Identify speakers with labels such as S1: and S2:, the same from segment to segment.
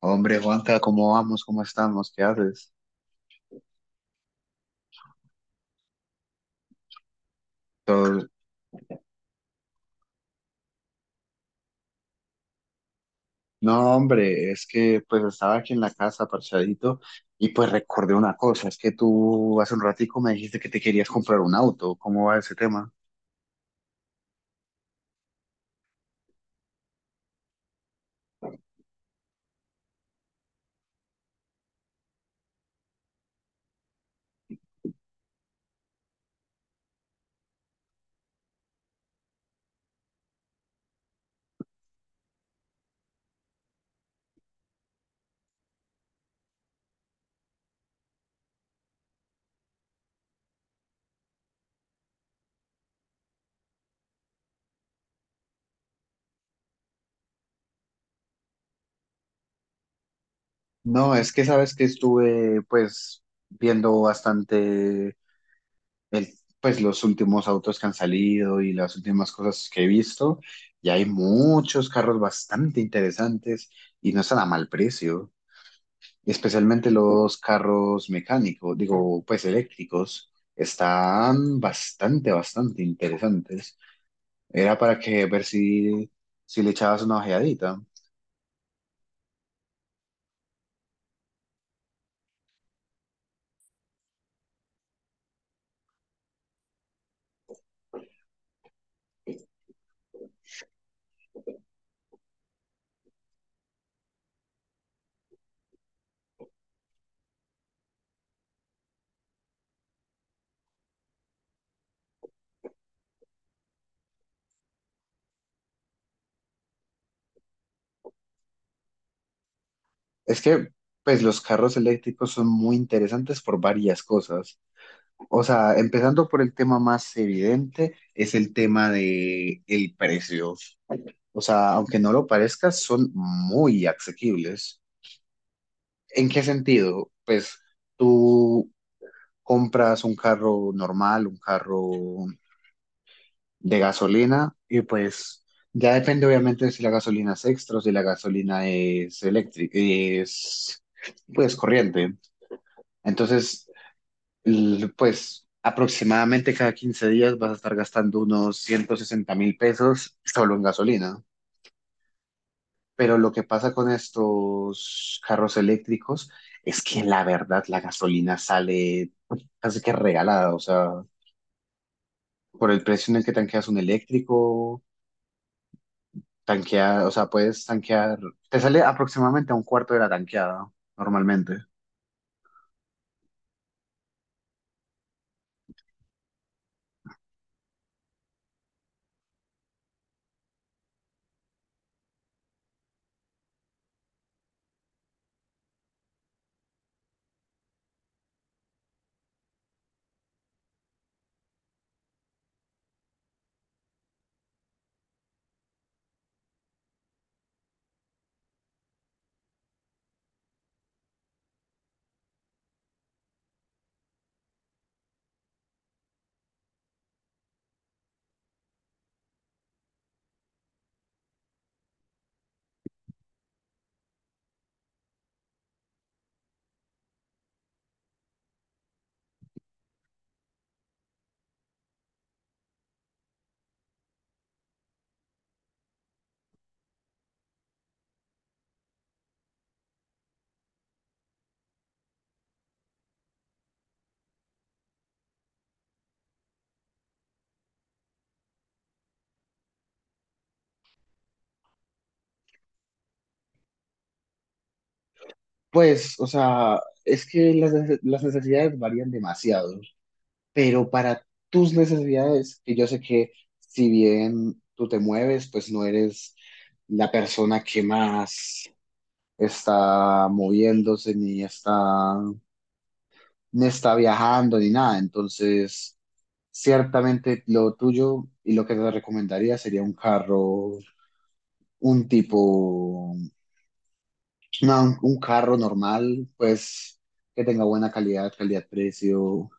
S1: Hombre, Juanca, ¿cómo vamos? ¿Cómo estamos? ¿Qué haces? Todo- No, hombre, es que pues estaba aquí en la casa parchadito y pues recordé una cosa, es que tú hace un ratico me dijiste que te querías comprar un auto, ¿cómo va ese tema? No, es que sabes que estuve pues viendo bastante el, pues los últimos autos que han salido y las últimas cosas que he visto y hay muchos carros bastante interesantes y no están a mal precio. Especialmente los carros mecánicos, digo, pues eléctricos, están bastante, bastante interesantes. Era para que ver si le echabas una ojeadita. Es que, pues, los carros eléctricos son muy interesantes por varias cosas. O sea, empezando por el tema más evidente, es el tema de el precio. O sea, aunque no lo parezca, son muy asequibles. ¿En qué sentido? Pues tú compras un carro normal, un carro de gasolina y pues ya depende obviamente de si la gasolina es extra o si la gasolina es eléctrica, es pues corriente. Entonces, pues aproximadamente cada 15 días vas a estar gastando unos 160.000 pesos solo en gasolina. Pero lo que pasa con estos carros eléctricos es que la verdad la gasolina sale casi que regalada, o sea, por el precio en el que tanqueas un eléctrico, tanquear, o sea, puedes tanquear, te sale aproximadamente a un cuarto de la tanqueada normalmente. Pues, o sea, es que las necesidades varían demasiado, pero para tus necesidades, que yo sé que si bien tú te mueves, pues no eres la persona que más está moviéndose, ni está viajando, ni nada, entonces ciertamente lo tuyo y lo que te recomendaría sería un carro, un tipo, no un carro normal, pues que tenga buena calidad, calidad-precio.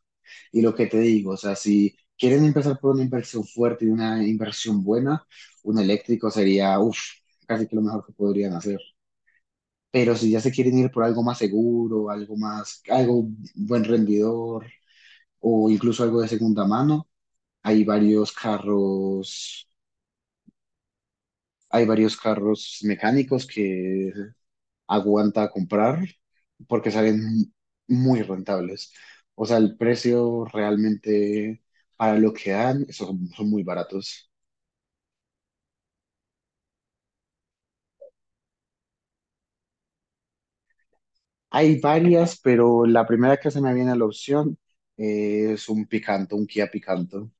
S1: Y lo que te digo, o sea, si quieren empezar por una inversión fuerte y una inversión buena, un eléctrico sería, uff, casi que lo mejor que podrían hacer. Pero si ya se quieren ir por algo más seguro, algo más, algo buen rendidor o incluso algo de segunda mano, hay varios carros hay varios carros mecánicos que aguanta comprar porque salen muy rentables. O sea, el precio realmente para lo que dan son, son muy baratos. Hay varias, pero la primera que se me viene a la opción es un Picanto, un Kia Picanto.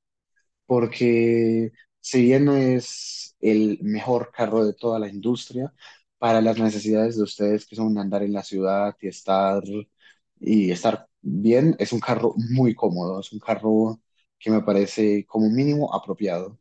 S1: Porque si bien no es el mejor carro de toda la industria, para las necesidades de ustedes que son andar en la ciudad y estar bien, es un carro muy cómodo, es un carro que me parece como mínimo apropiado.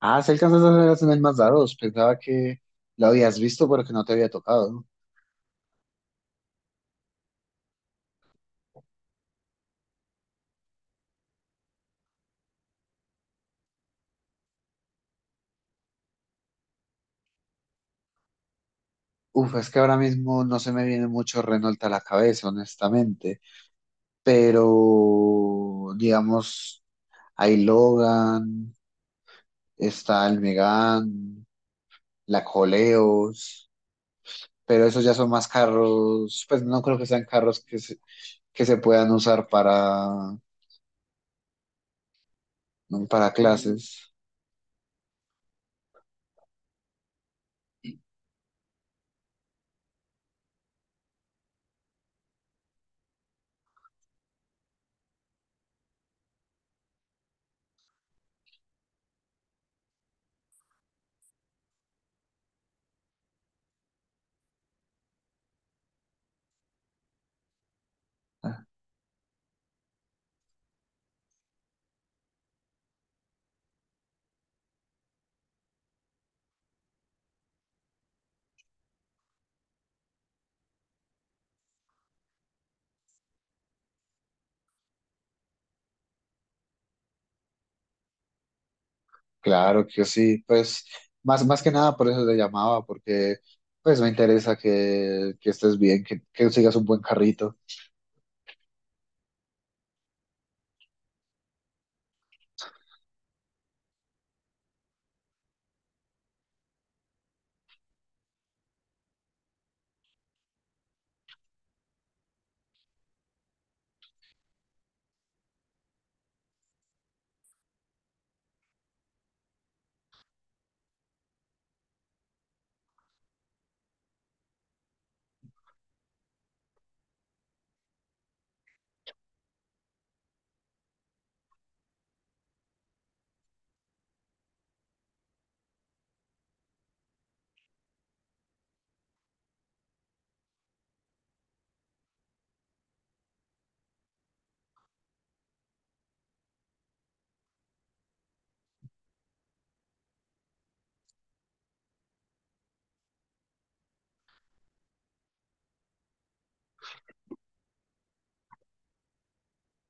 S1: Ah, si alcanzas a hacer las en el Mazda, pensaba que lo habías visto pero que no te había tocado. Uf, es que ahora mismo no se me viene mucho Renault a la cabeza, honestamente, pero digamos, hay Logan, está el Megane, la Coleos, pero esos ya son más carros, pues no creo que sean carros que se puedan usar para, ¿no? para clases. Claro que sí, pues más que nada por eso te llamaba, porque pues me interesa que, estés bien, que sigas un buen carrito.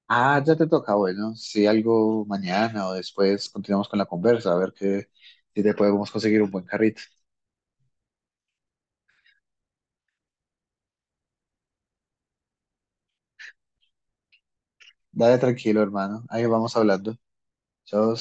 S1: Ah, ya te toca, bueno, si algo mañana o después continuamos con la conversa, a ver que, si te podemos conseguir un buen carrito. Dale tranquilo, hermano, ahí vamos hablando. Chao.